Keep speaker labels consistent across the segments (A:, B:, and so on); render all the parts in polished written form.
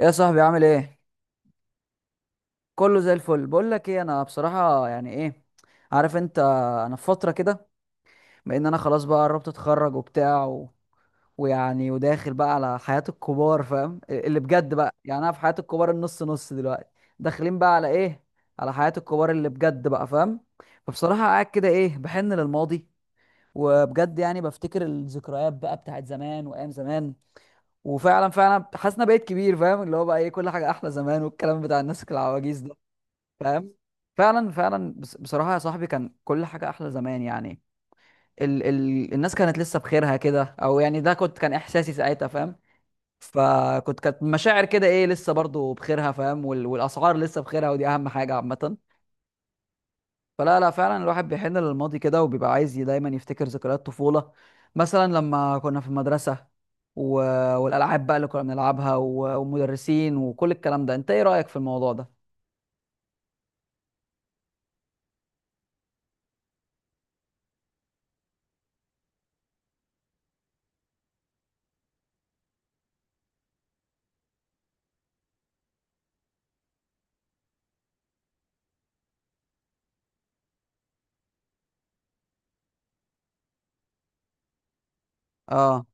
A: ايه يا صاحبي عامل ايه؟ كله زي الفل. بقول لك ايه، انا بصراحه يعني ايه عارف انت، انا في فتره كده بان انا خلاص بقى قربت اتخرج وبتاع و... وداخل بقى على حياه الكبار، فاهم؟ اللي بجد بقى، يعني انا في حياه الكبار النص نص دلوقتي. داخلين بقى على ايه؟ على حياه الكبار اللي بجد بقى، فاهم؟ فبصراحه قاعد كده ايه، بحن للماضي وبجد يعني بفتكر الذكريات بقى بتاعت زمان وايام زمان. وفعلا حاسس إن أنا بقيت كبير، فاهم؟ اللي هو بقى ايه، كل حاجه احلى زمان، والكلام بتاع الناس العواجيز ده، فاهم؟ فعلا بصراحة يا صاحبي كان كل حاجة أحلى زمان يعني. ال الناس كانت لسه بخيرها كده، أو يعني ده كنت كان إحساسي ساعتها، فاهم؟ كانت مشاعر كده إيه، لسه برضو بخيرها، فاهم؟ والأسعار لسه بخيرها، ودي أهم حاجة عامة. فلا لا فعلا الواحد بيحن للماضي كده، وبيبقى عايز دايما يفتكر ذكريات طفولة، مثلا لما كنا في المدرسة و... والألعاب بقى اللي كنا بنلعبها و... والمدرسين وكل الكلام ده. أنت إيه رأيك في الموضوع ده؟ آه،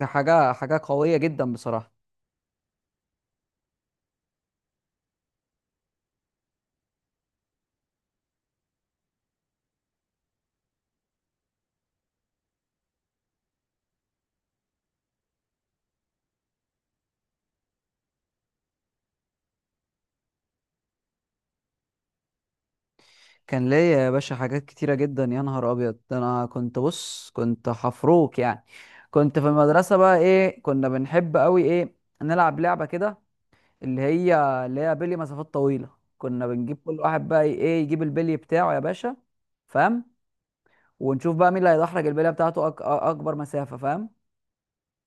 A: ده حاجة قوية جدا بصراحة. كان ليا يا باشا حاجات كتيرة جدا، يا نهار أبيض! ده أنا كنت حفروك يعني. كنت في المدرسة بقى إيه، كنا بنحب أوي إيه، نلعب لعبة كده، اللي هي اللي هي بلي مسافات طويلة. كنا بنجيب كل واحد بقى إيه يجيب البلي بتاعه يا باشا، فاهم؟ ونشوف بقى مين اللي هيدحرج البلية بتاعته أكبر مسافة، فاهم؟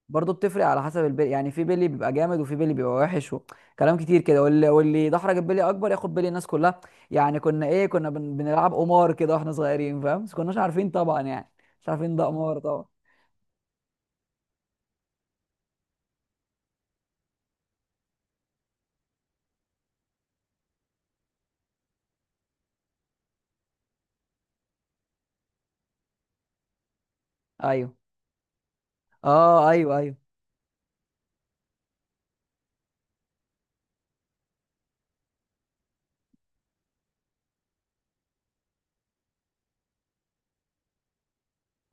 A: برضه بتفرق على حسب البلي، يعني في بلي بيبقى جامد وفي بلي بيبقى وحش وكلام كتير كده. واللي يدحرج البلي اكبر ياخد بلي الناس كلها. يعني كنا ايه كنا بنلعب قمار كده واحنا صغيرين، فاهم؟ بس كناش عارفين طبعا يعني، مش عارفين ده قمار طبعا. ايوه. اه، ايوه. ايوه،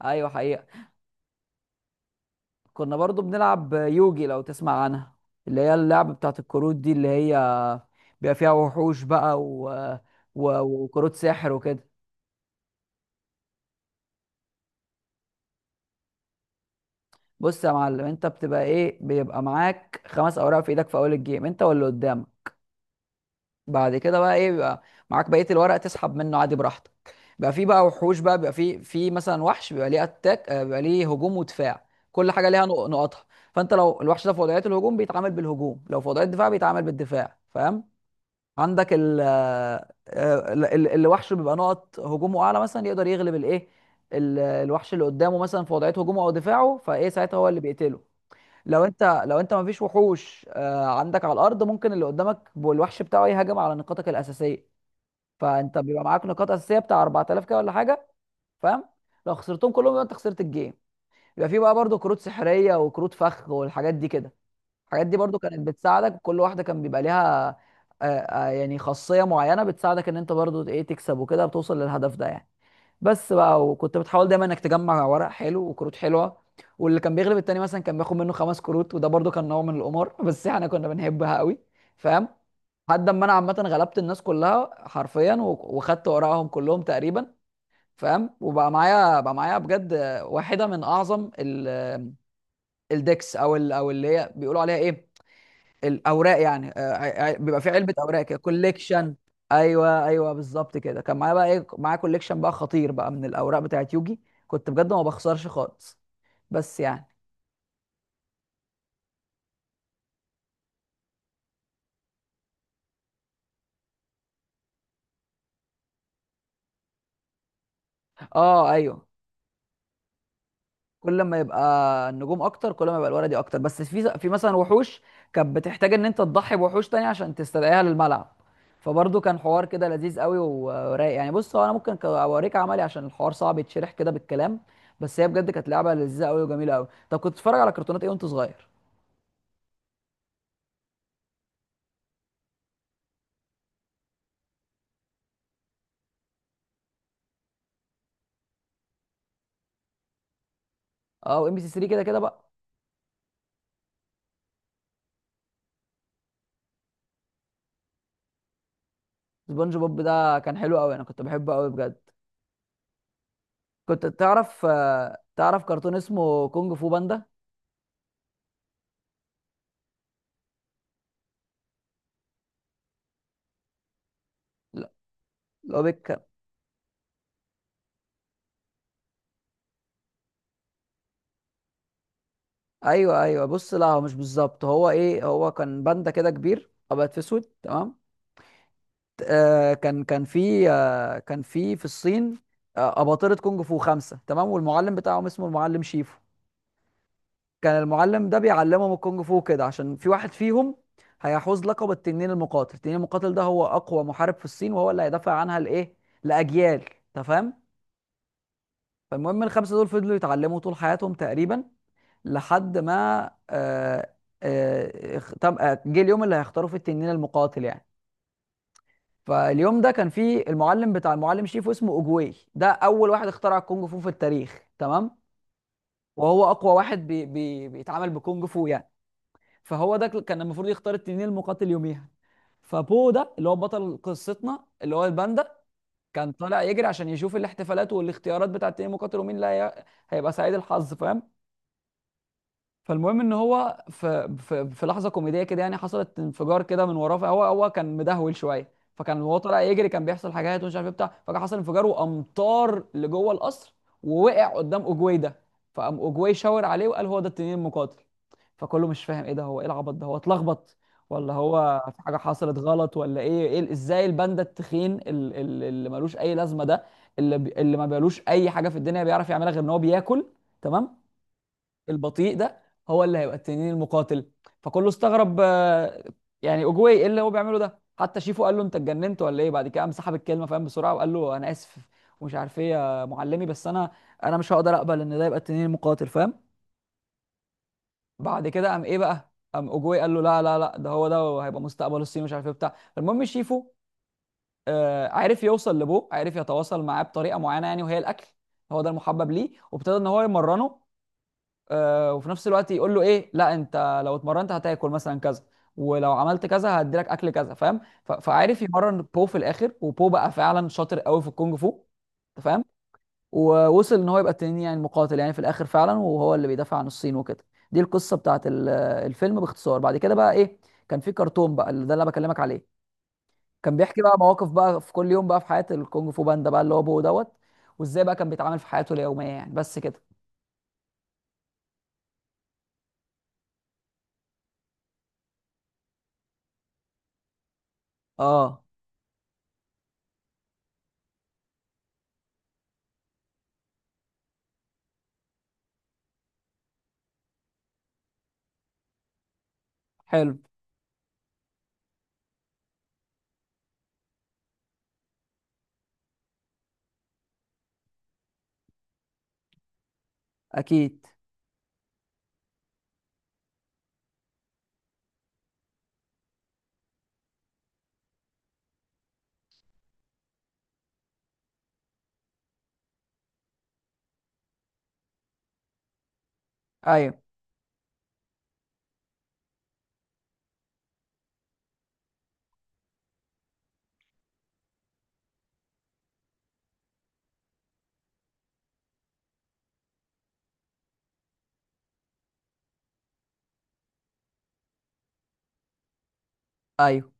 A: ايوه حقيقة. كنا برضه بنلعب يوجي، لو تسمع عنها، اللي هي اللعبة بتاعت الكروت دي، اللي هي بيبقى فيها وحوش بقى و... و... وكروت سحر وكده. بص يا معلم، انت بتبقى ايه، بيبقى معاك خمس اوراق في ايدك في اول الجيم، انت واللي قدامك. بعد كده بقى ايه، بيبقى معاك بقيه الورق تسحب منه عادي براحتك. بقى في بقى وحوش بقى، بيبقى في مثلا وحش بيبقى ليه اتاك، بيبقى ليه هجوم ودفاع، كل حاجه ليها نقطها. فانت لو الوحش ده في وضعيه الهجوم بيتعامل بالهجوم، لو في وضعيه الدفاع بيتعامل بالدفاع، فاهم؟ عندك ال آه، آه، ال- ال- اللي وحشه بيبقى نقط هجومه اعلى مثلا، يقدر يغلب الايه، الوحش اللي قدامه مثلا في وضعيه هجومه او دفاعه، فايه ساعتها هو اللي بيقتله. لو انت مفيش وحوش عندك على الارض، ممكن اللي قدامك والوحش بتاعه يهاجم على نقاطك الاساسيه. فانت بيبقى معاك نقاط اساسيه بتاع 4000 كده ولا حاجه، فاهم؟ لو خسرتهم كلهم يبقى انت خسرت الجيم. يبقى في بقى برضو كروت سحريه وكروت فخ والحاجات دي كده. الحاجات دي برضو كانت بتساعدك، كل واحده كان بيبقى ليها يعني خاصيه معينه بتساعدك ان انت برضو ايه تكسب وكده، بتوصل للهدف ده يعني. بس بقى، وكنت بتحاول دايما انك تجمع ورق حلو وكروت حلوه. واللي كان بيغلب التاني مثلا كان بياخد منه خمس كروت، وده برضو كان نوع من القمار. بس احنا كنا بنحبها قوي، فاهم؟ لحد ما انا عامه غلبت الناس كلها حرفيا، وخدت ورقهم كلهم تقريبا، فاهم؟ وبقى معايا بجد واحده من اعظم الديكس، او اللي هي بيقولوا عليها ايه، الاوراق يعني. بيبقى في علبه اوراق كده، كوليكشن. ايوه ايوه بالظبط كده، كان معايا بقى ايه، معايا كوليكشن بقى خطير بقى من الاوراق بتاعت يوجي. كنت بجد ما بخسرش خالص، بس يعني. اه، ايوه. كل ما يبقى النجوم اكتر كل ما يبقى الورقي اكتر. بس في مثلا وحوش كانت بتحتاج ان انت تضحي بوحوش تانية عشان تستدعيها للملعب. فبرضه كان حوار كده لذيذ قوي ورايق يعني. بص هو انا ممكن اوريك عملي، عشان الحوار صعب يتشرح كده بالكلام. بس هي بجد كانت لعبه لذيذه قوي وجميله قوي. طب كنت بتتفرج على كرتونات ايه وانت صغير؟ اه، وام بي سي 3، كده كده بقى. سبونج بوب ده كان حلو قوي، انا كنت بحبه قوي بجد. كنت تعرف، تعرف كرتون اسمه كونج فو باندا؟ لا، لو بيك. ايوه ايوه. بص لا هو مش بالظبط، هو ايه، هو كان باندا كده كبير ابيض في اسود، تمام؟ كان في الصين. آه، اباطره كونج فو خمسه، تمام؟ والمعلم بتاعهم اسمه المعلم شيفو. كان المعلم ده بيعلمهم الكونج فو كده عشان في واحد فيهم هيحوز لقب التنين المقاتل. التنين المقاتل ده هو اقوى محارب في الصين، وهو اللي هيدافع عنها لايه، لاجيال، انت فاهم؟ فالمهم الخمسه دول فضلوا يتعلموا طول حياتهم تقريبا، لحد ما آه، آه، اخ- طب آه، جه اليوم اللي هيختاروا فيه التنين المقاتل يعني. فاليوم ده كان فيه المعلم بتاع المعلم شيفو اسمه اوجواي، ده اول واحد اخترع الكونج فو في التاريخ، تمام؟ وهو اقوى واحد بي بيتعامل بكونج فو يعني. فهو ده كان المفروض يختار التنين المقاتل يوميها. فبو ده اللي هو بطل قصتنا، اللي هو الباندا، كان طالع يجري عشان يشوف الاحتفالات والاختيارات بتاعت التنين المقاتل ومين اللي هيبقى سعيد الحظ، فاهم؟ فالمهم ان هو في لحظه كوميديه كده يعني، حصلت انفجار كده من وراه. فهو كان مدهول شويه. فكان وهو طالع يجري كان بيحصل حاجات ومش عارف ايه بتاع. فكان حصل انفجار وامطار لجوه القصر، ووقع قدام اوجواي ده. فقام اوجواي شاور عليه وقال هو ده التنين المقاتل. فكله مش فاهم ايه ده، هو ايه العبط ده، هو اتلخبط ولا هو في حاجه حصلت غلط ولا ايه، إيه ازاي الباندا التخين، اللي ملوش اي لازمه ده، اللي اللي ما بيلوش اي حاجه في الدنيا بيعرف يعملها غير ان هو بياكل، تمام؟ البطيء ده هو اللي هيبقى التنين المقاتل؟ فكله استغرب، يعني اوجواي ايه اللي هو بيعمله ده؟ حتى شيفو قال له انت اتجننت ولا ايه؟ بعد كده قام سحب الكلمه، فاهم، بسرعه وقال له انا اسف ومش عارف ايه يا معلمي، بس انا انا مش هقدر اقبل ان ده يبقى التنين المقاتل، فاهم؟ بعد كده قام ايه بقى، قام اوجواي قال له لا لا لا، ده هو ده وهيبقى مستقبل الصين مش عارف ايه بتاع. المهم شيفو آه عرف يوصل لابوه، عرف يتواصل معاه بطريقه معينه يعني، وهي الاكل، هو ده المحبب ليه. وابتدى ان هو يمرنه، وفي نفس الوقت يقول له ايه لا انت لو اتمرنت هتاكل مثلا كذا، ولو عملت كذا هديلك اكل كذا، فاهم؟ فعارف يمرن بو في الاخر، وبو بقى فعلا شاطر قوي في الكونج فو، انت فاهم؟ ووصل ان هو يبقى التنين يعني المقاتل يعني في الاخر فعلا، وهو اللي بيدافع عن الصين وكده. دي القصه بتاعت الفيلم باختصار. بعد كده بقى ايه، كان في كرتون بقى، اللي ده اللي أنا بكلمك عليه، كان بيحكي بقى مواقف بقى في كل يوم بقى في حياه الكونج فو باندا بقى، اللي هو بو دوت، وازاي بقى كان بيتعامل في حياته اليوميه يعني، بس كده. اه، حلو. اكيد. ايوه ايوه.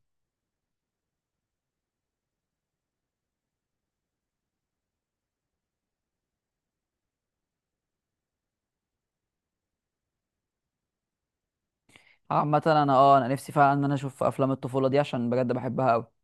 A: عامة انا اه انا نفسي فعلا ان انا اشوف افلام الطفولة دي، عشان بجد بحبها قوي.